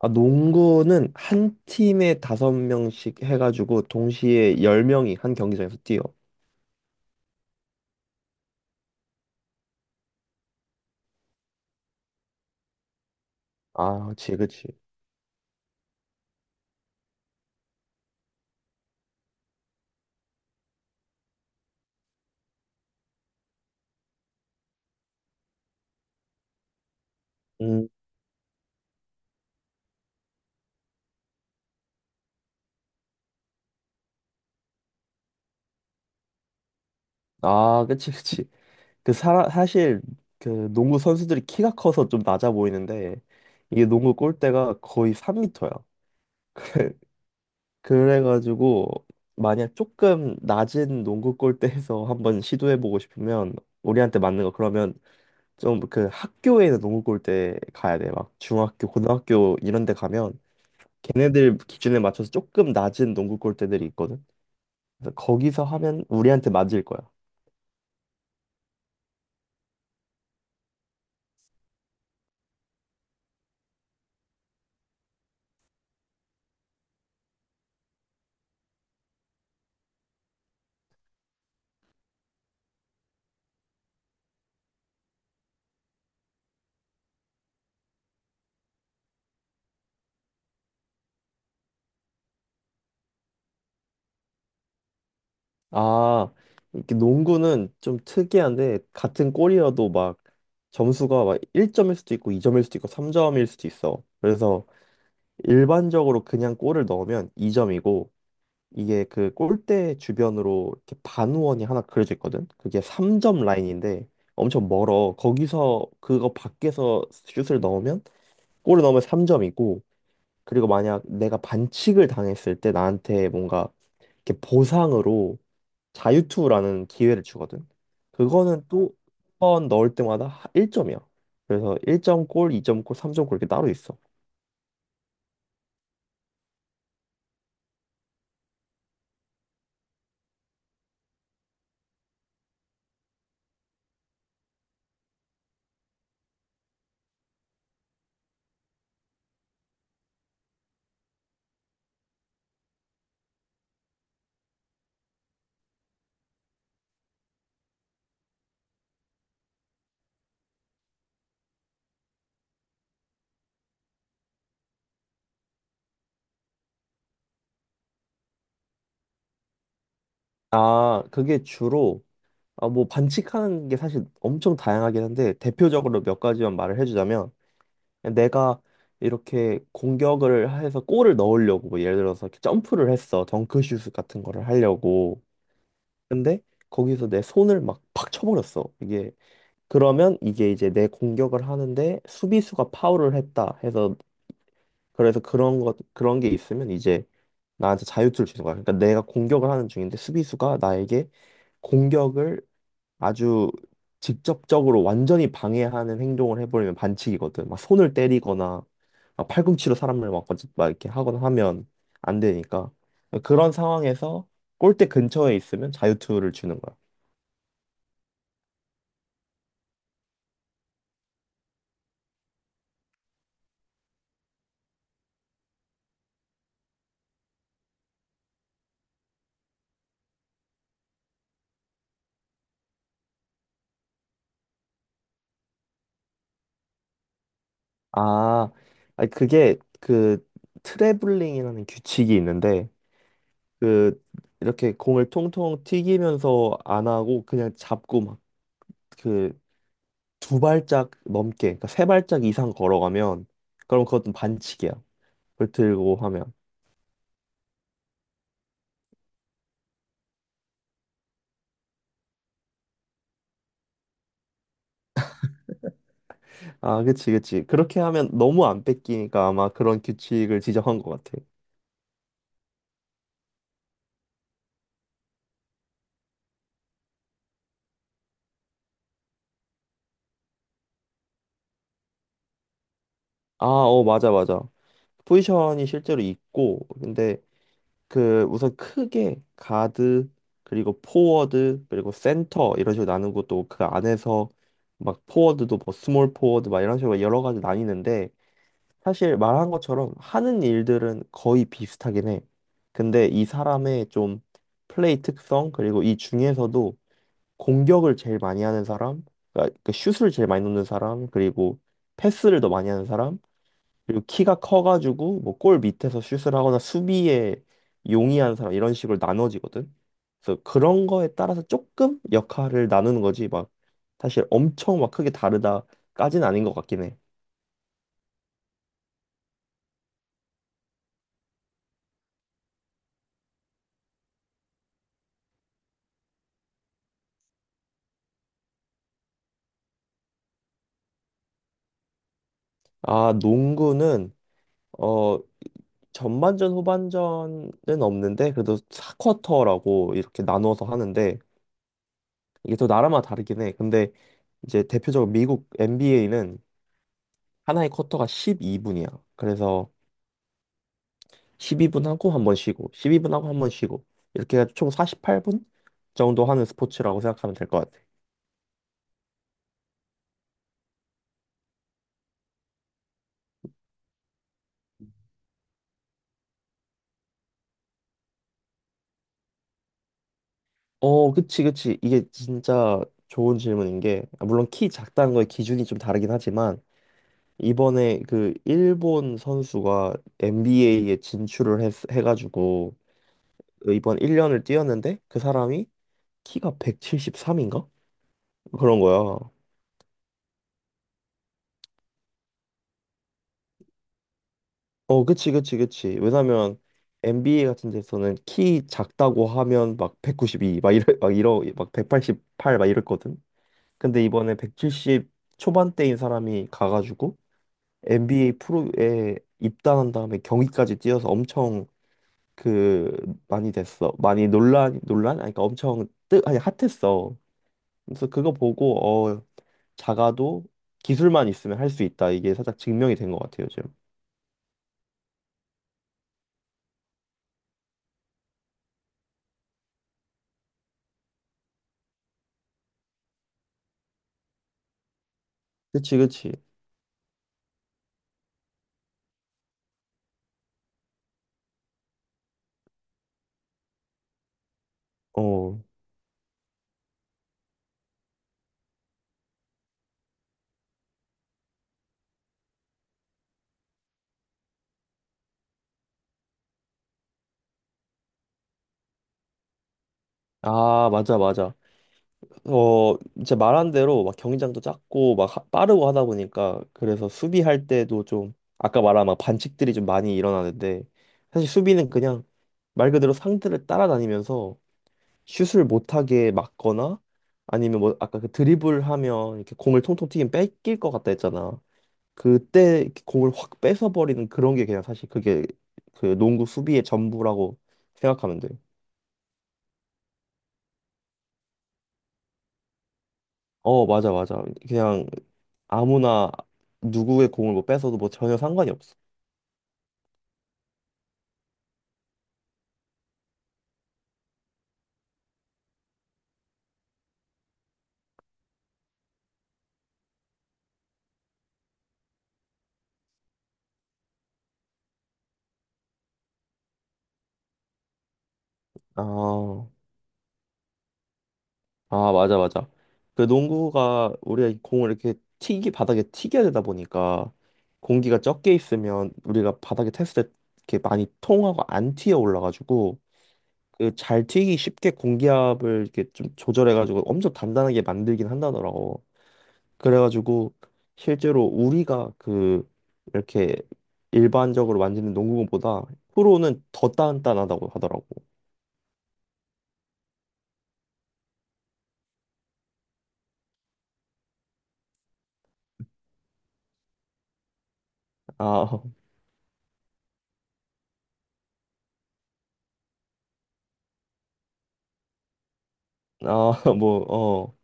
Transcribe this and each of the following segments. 아, 농구는 한 팀에 다섯 명씩 해가지고 동시에 열 명이 한 경기장에서 뛰어. 아, 그치, 그치. 음. 아, 그치, 그치. 사실 그 농구 선수들이 키가 커서 좀 낮아 보이는데 이게 농구 골대가 거의 3미터야. 그래가지고 만약 조금 낮은 농구 골대에서 한번 시도해보고 싶으면 우리한테 맞는 거, 그러면 좀 그 학교에는 농구 골대 가야 돼. 막 중학교, 고등학교 이런 데 가면 걔네들 기준에 맞춰서 조금 낮은 농구 골대들이 있거든. 그래서 거기서 하면 우리한테 맞을 거야. 아, 이렇게 농구는 좀 특이한데 같은 골이어도 막 점수가 막 1점일 수도 있고 2점일 수도 있고 3점일 수도 있어. 그래서 일반적으로 그냥 골을 넣으면 2점이고, 이게 그 골대 주변으로 이렇게 반원이 하나 그려져 있거든. 그게 3점 라인인데 엄청 멀어. 거기서 그거 밖에서 슛을 넣으면, 골을 넣으면 3점이고. 그리고 만약 내가 반칙을 당했을 때 나한테 뭔가 이렇게 보상으로 자유투라는 기회를 주거든. 그거는 또 한 번 넣을 때마다 1점이야. 그래서 1점 골, 2점 골, 3점 골 이렇게 따로 있어. 아, 그게 주로, 아, 뭐 반칙하는 게 사실 엄청 다양하긴 한데 대표적으로 몇 가지만 말을 해주자면, 내가 이렇게 공격을 해서 골을 넣으려고, 뭐 예를 들어서 이렇게 점프를 했어, 덩크슛 같은 거를 하려고. 근데 거기서 내 손을 막 팍 쳐버렸어 이게. 그러면 이게 이제 내 공격을 하는데 수비수가 파울을 했다 해서, 그래서 그런 게 있으면 이제 나한테 자유투를 주는 거야. 그러니까 내가 공격을 하는 중인데 수비수가 나에게 공격을 아주 직접적으로 완전히 방해하는 행동을 해버리면 반칙이거든. 막 손을 때리거나 막 팔꿈치로 사람을 막, 막 이렇게 하거나 하면 안 되니까. 그런 상황에서 골대 근처에 있으면 자유투를 주는 거야. 아, 아니, 그게 그 트래블링이라는 규칙이 있는데, 그 이렇게 공을 통통 튀기면서 안 하고 그냥 잡고 막, 그 두 발짝 넘게, 그러니까 세 발짝 이상 걸어가면 그럼 그것도 반칙이야. 불틀고 하면. 아, 그치, 그치. 그렇게 하면 너무 안 뺏기니까 아마 그런 규칙을 지정한 것 같아. 아, 어, 맞아, 맞아. 포지션이 실제로 있고. 근데 그 우선 크게 가드, 그리고 포워드, 그리고 센터 이런 식으로 나누고, 또 그 안에서 막 포워드도 뭐 스몰 포워드 막 이런 식으로 여러 가지 나뉘는데, 사실 말한 것처럼 하는 일들은 거의 비슷하긴 해. 근데 이 사람의 좀 플레이 특성, 그리고 이 중에서도 공격을 제일 많이 하는 사람, 그러니까 그 슛을 제일 많이 넣는 사람, 그리고 패스를 더 많이 하는 사람, 그리고 키가 커가지고 뭐 골 밑에서 슛을 하거나 수비에 용이한 사람, 이런 식으로 나눠지거든. 그래서 그런 거에 따라서 조금 역할을 나누는 거지. 막 사실 엄청 막 크게 다르다까지는 아닌 것 같긴 해. 아, 농구는 어 전반전 후반전은 없는데 그래도 4쿼터라고 이렇게 나눠서 하는데, 이게 또 나라마다 다르긴 해. 근데 이제 대표적으로 미국 NBA는 하나의 쿼터가 12분이야. 그래서 12분 하고 한 번 쉬고, 12분 하고 한 번 쉬고. 이렇게 해서총 48분 정도 하는 스포츠라고 생각하면 될 것 같아. 어, 그치, 그치. 이게 진짜 좋은 질문인 게, 아, 물론 키 작다는 거의 기준이 좀 다르긴 하지만, 이번에 그 일본 선수가 해가지고, 이번 1년을 뛰었는데, 그 사람이 키가 173인가? 그런 거야. 어, 그치, 그치, 그치. 왜냐면 NBA 같은 데서는 키 작다고 하면 막 192, 막 188, 막 이랬거든. 근데 이번에 170 초반대인 사람이 가가지고 NBA 프로에 입단한 다음에 경기까지 뛰어서 엄청 그 많이 됐어. 많이 논란, 논란? 아니, 그러니까 엄청 뜨, 아니, 핫했어. 그래서 그거 보고 어, 작아도 기술만 있으면 할 수 있다, 이게 살짝 증명이 된 것 같아요, 요즘. 그치, 그치. 어. 아, 맞아, 맞아. 어, 이제 말한 대로 막 경기장도 작고 막 빠르고 하다 보니까, 그래서 수비할 때도 좀 아까 말한 막 반칙들이 좀 많이 일어나는데, 사실 수비는 그냥 말 그대로 상대를 따라다니면서 슛을 못하게 막거나, 아니면 뭐 아까 그 드리블 하면 이렇게 공을 통통 튀긴 뺏길 것 같다 했잖아. 그때 이렇게 공을 확 뺏어버리는 그런 게, 그냥 사실 그게 그 농구 수비의 전부라고 생각하면 돼. 어, 맞아, 맞아. 그냥 아무나 누구의 공을 뭐 뺏어도 뭐 전혀 상관이 없어. 아, 아 맞아 맞아. 그 농구가 우리가 공을 이렇게 튀기, 바닥에 튀겨야 되다 보니까, 공기가 적게 있으면 우리가 바닥에 탔을 때 이렇게 많이 통하고 안 튀어 올라가지고, 그 잘 튀기 쉽게 공기압을 이렇게 좀 조절해가지고 엄청 단단하게 만들긴 한다더라고. 그래가지고 실제로 우리가 그 이렇게 일반적으로 만지는 농구공보다 프로는 더 단단하다고 하더라고. 아, 아, 뭐, 어,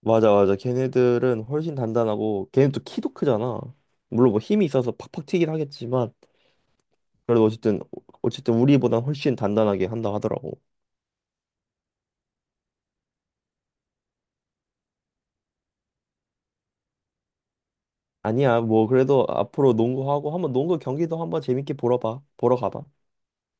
맞아, 맞아. 걔네들은 훨씬 단단하고, 걔네도 키도 크잖아. 물론 뭐 힘이 있어서 팍팍 튀긴 하겠지만, 그래도 어쨌든 우리보다 훨씬 단단하게 한다 하더라고. 아니야, 뭐, 그래도 앞으로 농구하고, 한번 농구 경기도 한번 재밌게 보러 봐. 보러 가봐.